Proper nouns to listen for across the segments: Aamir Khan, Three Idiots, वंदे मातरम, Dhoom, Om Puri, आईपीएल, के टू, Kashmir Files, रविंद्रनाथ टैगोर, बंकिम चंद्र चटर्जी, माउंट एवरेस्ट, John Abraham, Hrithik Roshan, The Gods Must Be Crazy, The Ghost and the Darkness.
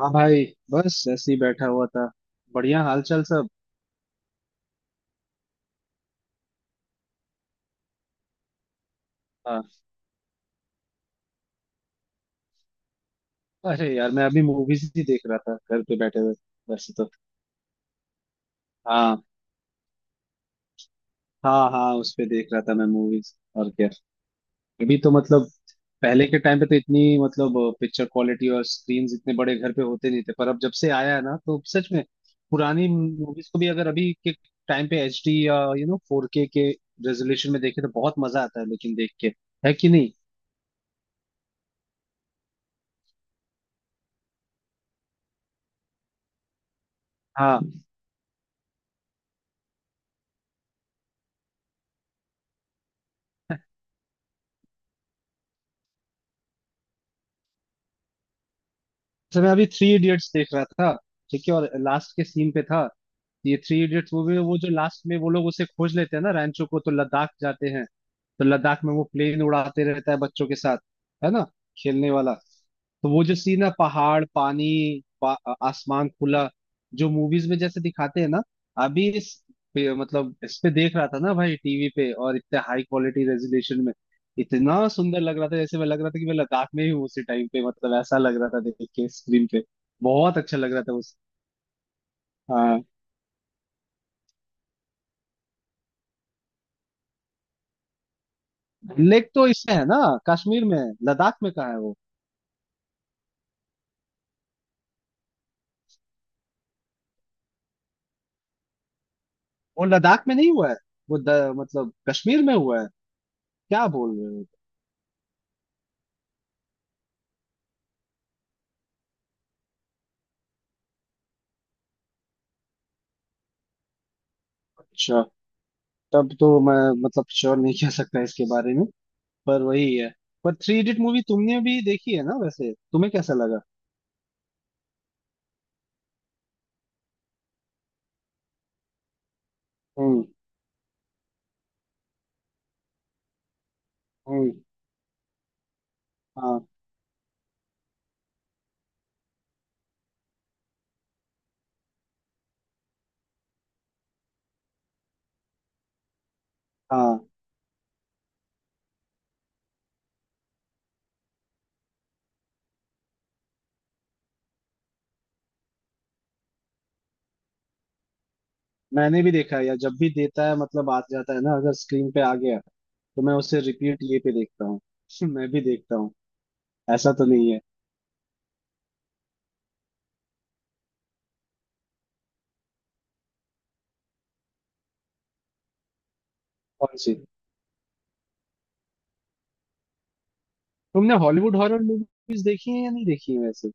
हाँ भाई। बस ऐसे ही बैठा हुआ था। बढ़िया, हाल चाल सब। हाँ। अरे यार, मैं अभी मूवीज ही देख रहा था घर पे बैठे हुए वैसे तो। हाँ, हाँ, हाँ, उस पे देख रहा था मैं मूवीज और क्या। अभी तो मतलब, पहले के टाइम पे तो इतनी मतलब पिक्चर क्वालिटी और स्क्रीन इतने बड़े घर पे होते नहीं थे, पर अब जब से आया है ना तो सच में, पुरानी मूवीज को भी अगर अभी के टाइम पे एच डी या फोर के रेजोल्यूशन में देखे तो बहुत मजा आता है लेकिन, देख के, है कि नहीं। हाँ। अच्छा, मैं अभी थ्री इडियट्स देख रहा था। ठीक है, और लास्ट के सीन पे था। ये थ्री इडियट्स मूवी में वो जो लास्ट में वो लोग उसे खोज लेते हैं ना, रैंचो को, तो लद्दाख जाते हैं। तो लद्दाख में वो प्लेन उड़ाते रहता है बच्चों के साथ, है ना, खेलने वाला। तो वो जो सीन है, पहाड़, पानी, आसमान खुला, जो मूवीज में जैसे दिखाते हैं ना। अभी इस पे, मतलब इस पे देख रहा था ना भाई टीवी पे, और इतने हाई क्वालिटी रेजोल्यूशन में इतना सुंदर लग रहा था, जैसे मैं, लग रहा था कि मैं लद्दाख में ही हूँ उसी टाइम पे, मतलब ऐसा लग रहा था देख के स्क्रीन पे। बहुत अच्छा लग रहा था उस हाँ। लेक तो इसमें है ना, कश्मीर में है, लद्दाख में कहाँ है वो। वो लद्दाख में नहीं हुआ है। वो मतलब कश्मीर में हुआ है। क्या बोल रहे हो। अच्छा, तब तो मैं मतलब श्योर नहीं कह सकता इसके बारे में, पर वही है। पर थ्री इडियट मूवी तुमने भी देखी है ना, वैसे तुम्हें कैसा लगा? हम्म। हम्म। हाँ, हाँ। मैंने भी देखा है यार, जब भी देता है मतलब, आ जाता है ना, अगर स्क्रीन पे आ गया तो मैं उसे रिपीट ये पे देखता हूँ। मैं भी देखता हूँ। ऐसा तो नहीं है। कौन सी? तुमने हॉलीवुड हॉरर मूवीज देखी है या नहीं देखी है वैसे?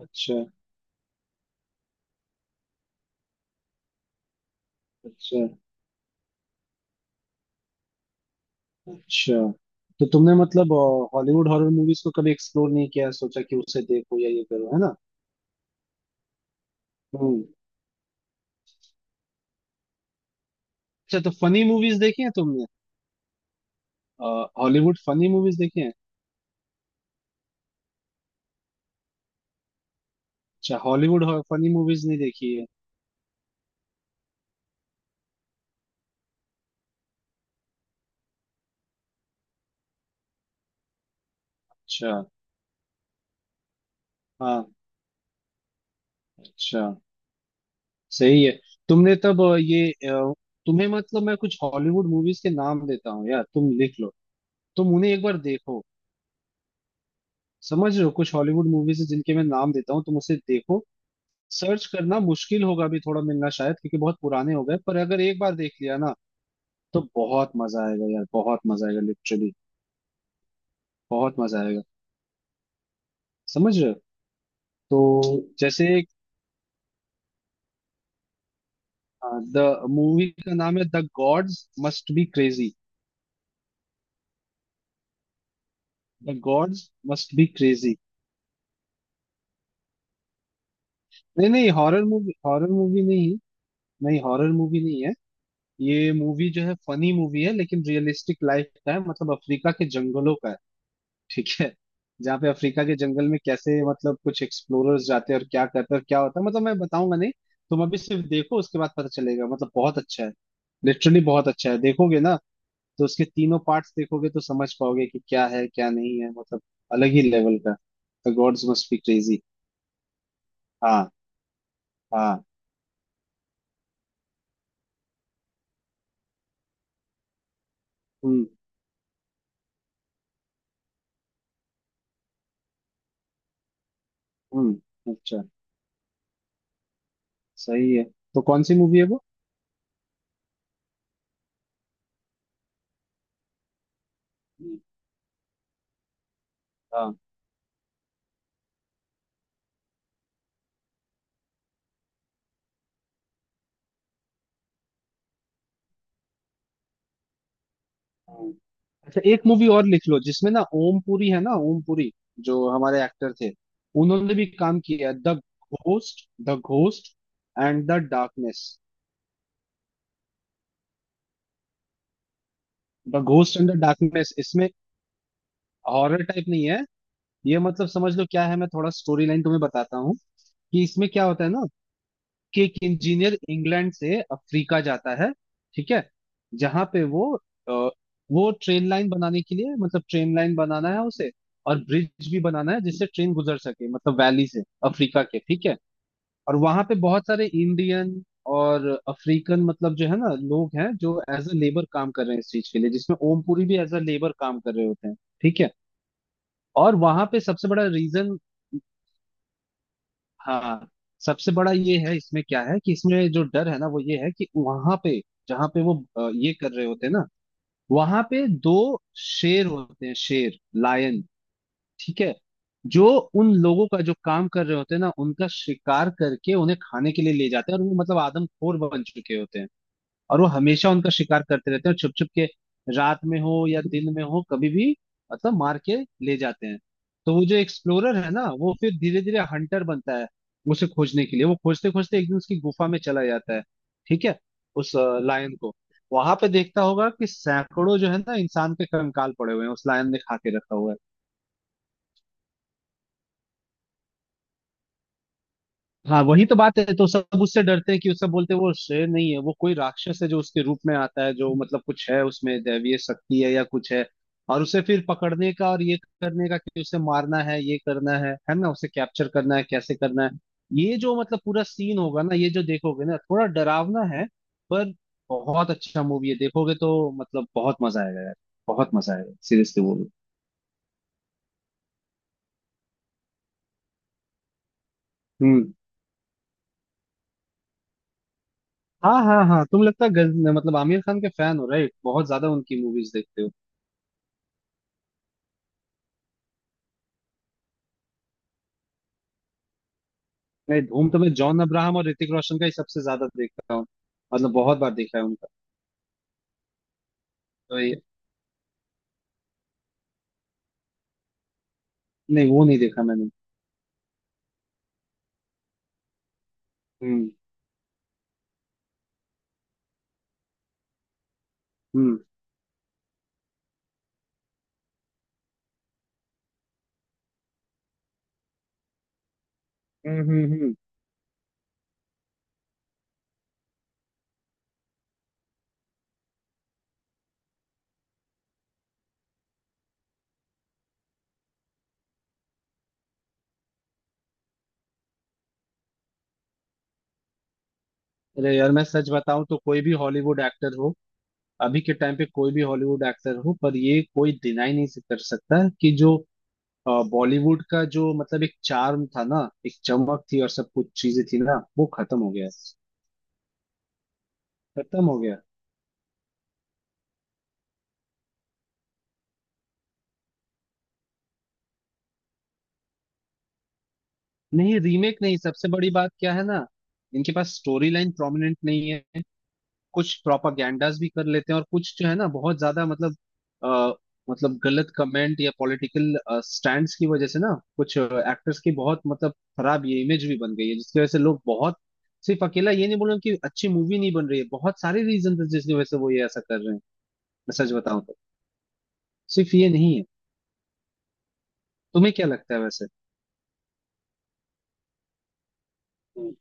अच्छा। अच्छा। अच्छा, तो तुमने मतलब हॉलीवुड हॉरर मूवीज को कभी एक्सप्लोर नहीं किया, सोचा कि उसे देखो या ये करो, है ना? हम्म। अच्छा, तो फनी मूवीज देखी है तुमने? हॉलीवुड फनी मूवीज देखी है? अच्छा। हॉलीवुड फनी मूवीज नहीं देखी है। अच्छा। हाँ। अच्छा, सही है। तुमने तब ये तुम्हें मतलब, मैं कुछ हॉलीवुड मूवीज के नाम देता हूँ यार, तुम लिख लो। तुम उन्हें एक बार देखो। समझ रहे हो? कुछ हॉलीवुड मूवीज है जिनके मैं नाम देता हूँ, तुम उसे देखो। सर्च करना मुश्किल होगा अभी थोड़ा, मिलना शायद, क्योंकि बहुत पुराने हो गए, पर अगर एक बार देख लिया ना, तो बहुत मजा आएगा यार, बहुत मजा आएगा लिटरली, बहुत मजा आएगा, समझ रहे हो। तो जैसे द मूवी का नाम है the gods must be crazy. The gods must be crazy. नहीं, नहीं, हॉरर मूवी, हॉरर मूवी नहीं। नहीं, हॉरर मूवी नहीं है। ये मूवी जो है फनी मूवी है, लेकिन रियलिस्टिक लाइफ का है, मतलब अफ्रीका के जंगलों का है। ठीक है। जहाँ पे अफ्रीका के जंगल में कैसे मतलब कुछ एक्सप्लोरर्स जाते हैं और क्या करते हैं और क्या होता है, मतलब मैं बताऊंगा नहीं। तुम अभी सिर्फ देखो, उसके बाद पता चलेगा, मतलब बहुत अच्छा है, लिटरली बहुत अच्छा है, देखोगे ना। तो उसके तीनों पार्ट्स देखोगे तो समझ पाओगे कि क्या है, क्या नहीं है, मतलब अलग ही लेवल का। The gods must be crazy. हाँ, हाँ। हम्म। हम्म। अच्छा, सही है। तो कौन सी मूवी है वो? हम्म। हाँ, हाँ। अच्छा, एक मूवी और लिख लो, जिसमें ना ओम पुरी है, ना ओम पुरी, जो हमारे एक्टर थे, उन्होंने भी काम किया है। The ghost and the darkness. The ghost and the darkness, इसमें हॉरर टाइप नहीं है। ये, मतलब समझ लो क्या है, मैं थोड़ा स्टोरी लाइन तुम्हें बताता हूँ कि इसमें क्या होता है ना, कि एक इंजीनियर इंग्लैंड से अफ्रीका जाता है। ठीक है। जहां पे वो अ, वो ट्रेन लाइन बनाने के लिए, मतलब ट्रेन लाइन बनाना है उसे, और ब्रिज भी बनाना है जिससे ट्रेन गुजर सके, मतलब वैली से, अफ्रीका के, ठीक है। और वहां पे बहुत सारे इंडियन और अफ्रीकन, मतलब जो है ना लोग हैं, जो एज अ लेबर काम कर रहे हैं इस चीज के लिए, जिसमें ओमपुरी भी एज अ लेबर काम कर रहे होते हैं। ठीक है। और वहां पे सबसे बड़ा रीजन। हाँ। सबसे बड़ा ये है, इसमें क्या है कि, इसमें जो डर है ना, वो ये है कि वहां पे, जहाँ पे वो ये कर रहे होते हैं ना, वहां पे दो शेर होते हैं, शेर, लायन। ठीक है। जो उन लोगों का, जो काम कर रहे होते हैं ना, उनका शिकार करके उन्हें खाने के लिए ले जाते हैं, और वो मतलब आदमखोर बन चुके होते हैं, और वो हमेशा उनका शिकार करते रहते हैं, और छुप छुप के, रात में हो या दिन में हो, कभी भी, मतलब मार के ले जाते हैं। तो वो जो एक्सप्लोरर है ना, वो फिर धीरे धीरे हंटर बनता है। उसे खोजने के लिए वो खोजते खोजते एक दिन उसकी गुफा में चला जाता है, ठीक है, उस लायन को, वहां पे देखता होगा कि सैकड़ों जो है ना इंसान के कंकाल पड़े हुए हैं, उस लायन ने खा के रखा हुआ है। हाँ, वही तो बात है। तो सब उससे डरते हैं, कि वो सब बोलते हैं वो शेर नहीं है, वो कोई राक्षस है जो उसके रूप में आता है, जो मतलब कुछ है उसमें, दैवीय शक्ति है या कुछ है, और उसे फिर पकड़ने का और ये करने का, कि उसे मारना है, ये करना है ना, उसे कैप्चर करना है, कैसे करना है, ये जो मतलब पूरा सीन होगा ना, ये जो देखोगे ना, थोड़ा डरावना है, पर बहुत अच्छा मूवी है, देखोगे तो मतलब बहुत मजा आएगा यार, बहुत मजा आएगा सीरियसली वो। हम्म। हाँ, हाँ, हाँ, तुम, लगता है मतलब आमिर खान के फैन हो राइट, बहुत ज्यादा उनकी मूवीज देखते हो। मैं धूम तो मैं जॉन अब्राहम और ऋतिक रोशन का ही सबसे ज्यादा देखता हूँ, मतलब बहुत बार देखा है उनका। तो ये, नहीं वो नहीं देखा मैंने। हम्म। हम्म। हम्म। हम्म। हम्म। अरे यार मैं सच बताऊं तो, कोई भी हॉलीवुड एक्टर हो, अभी के टाइम पे कोई भी हॉलीवुड एक्टर हो, पर ये कोई डिनाई नहीं कर सकता कि जो बॉलीवुड का जो मतलब एक चार्म था ना, एक चमक थी, और सब कुछ चीजें थी ना, वो खत्म हो गया है। खत्म हो गया। नहीं, रीमेक नहीं, सबसे बड़ी बात क्या है ना, इनके पास स्टोरी लाइन प्रोमिनेंट नहीं है। कुछ प्रोपागैंडास भी कर लेते हैं, और कुछ जो है ना बहुत ज्यादा मतलब, आ, मतलब गलत कमेंट या पॉलिटिकल स्टैंड्स की वजह से ना, कुछ एक्टर्स की बहुत मतलब खराब ये इमेज भी बन गई है, जिसकी वजह से लोग बहुत, सिर्फ अकेला ये नहीं बोल रहे कि अच्छी मूवी नहीं बन रही है, बहुत सारे रीजन है जिसकी वजह से वो ये ऐसा कर रहे हैं। मैं सच बताऊं तो, सिर्फ ये नहीं है। तुम्हें क्या लगता है वैसे? हम्म।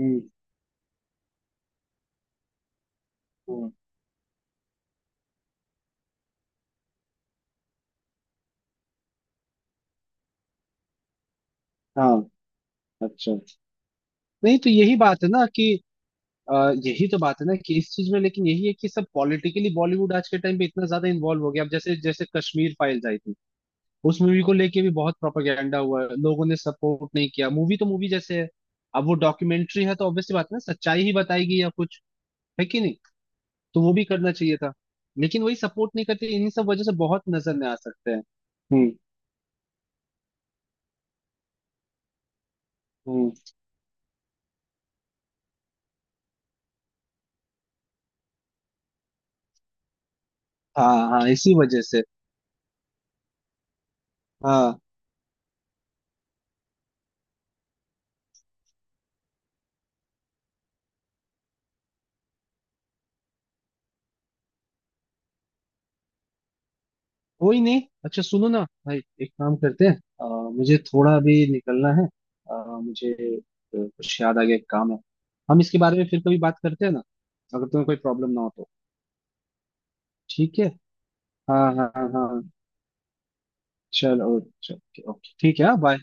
हम्म। हम्म। हाँ। अच्छा। नहीं तो, यही बात है ना कि, यही तो बात है ना कि इस चीज में, लेकिन यही है कि सब पॉलिटिकली बॉलीवुड आज के टाइम पे इतना ज्यादा इन्वॉल्व हो गया, अब जैसे जैसे कश्मीर फाइल्स आई थी, उस मूवी को लेके भी बहुत प्रोपेगेंडा हुआ है, लोगों ने सपोर्ट नहीं किया, मूवी तो मूवी जैसे है, अब वो डॉक्यूमेंट्री है तो ऑब्वियसली बात है ना, सच्चाई ही बताएगी या कुछ, है कि नहीं, तो वो भी करना चाहिए था, लेकिन वही सपोर्ट नहीं करते, इन्हीं सब वजह से बहुत नजर में आ सकते हैं। हम्म। हम्म। हाँ, हाँ, इसी वजह से। हाँ। कोई नहीं, अच्छा सुनो ना भाई, एक काम करते हैं, अ, मुझे थोड़ा अभी निकलना है, मुझे कुछ याद आ गया, एक काम है, हम इसके बारे में फिर कभी बात करते हैं ना, अगर तुम्हें कोई प्रॉब्लम ना हो तो। ठीक है। हाँ, हाँ, हाँ, हाँ। चलो। चलो, ओके, ओके, ठीक है, बाय।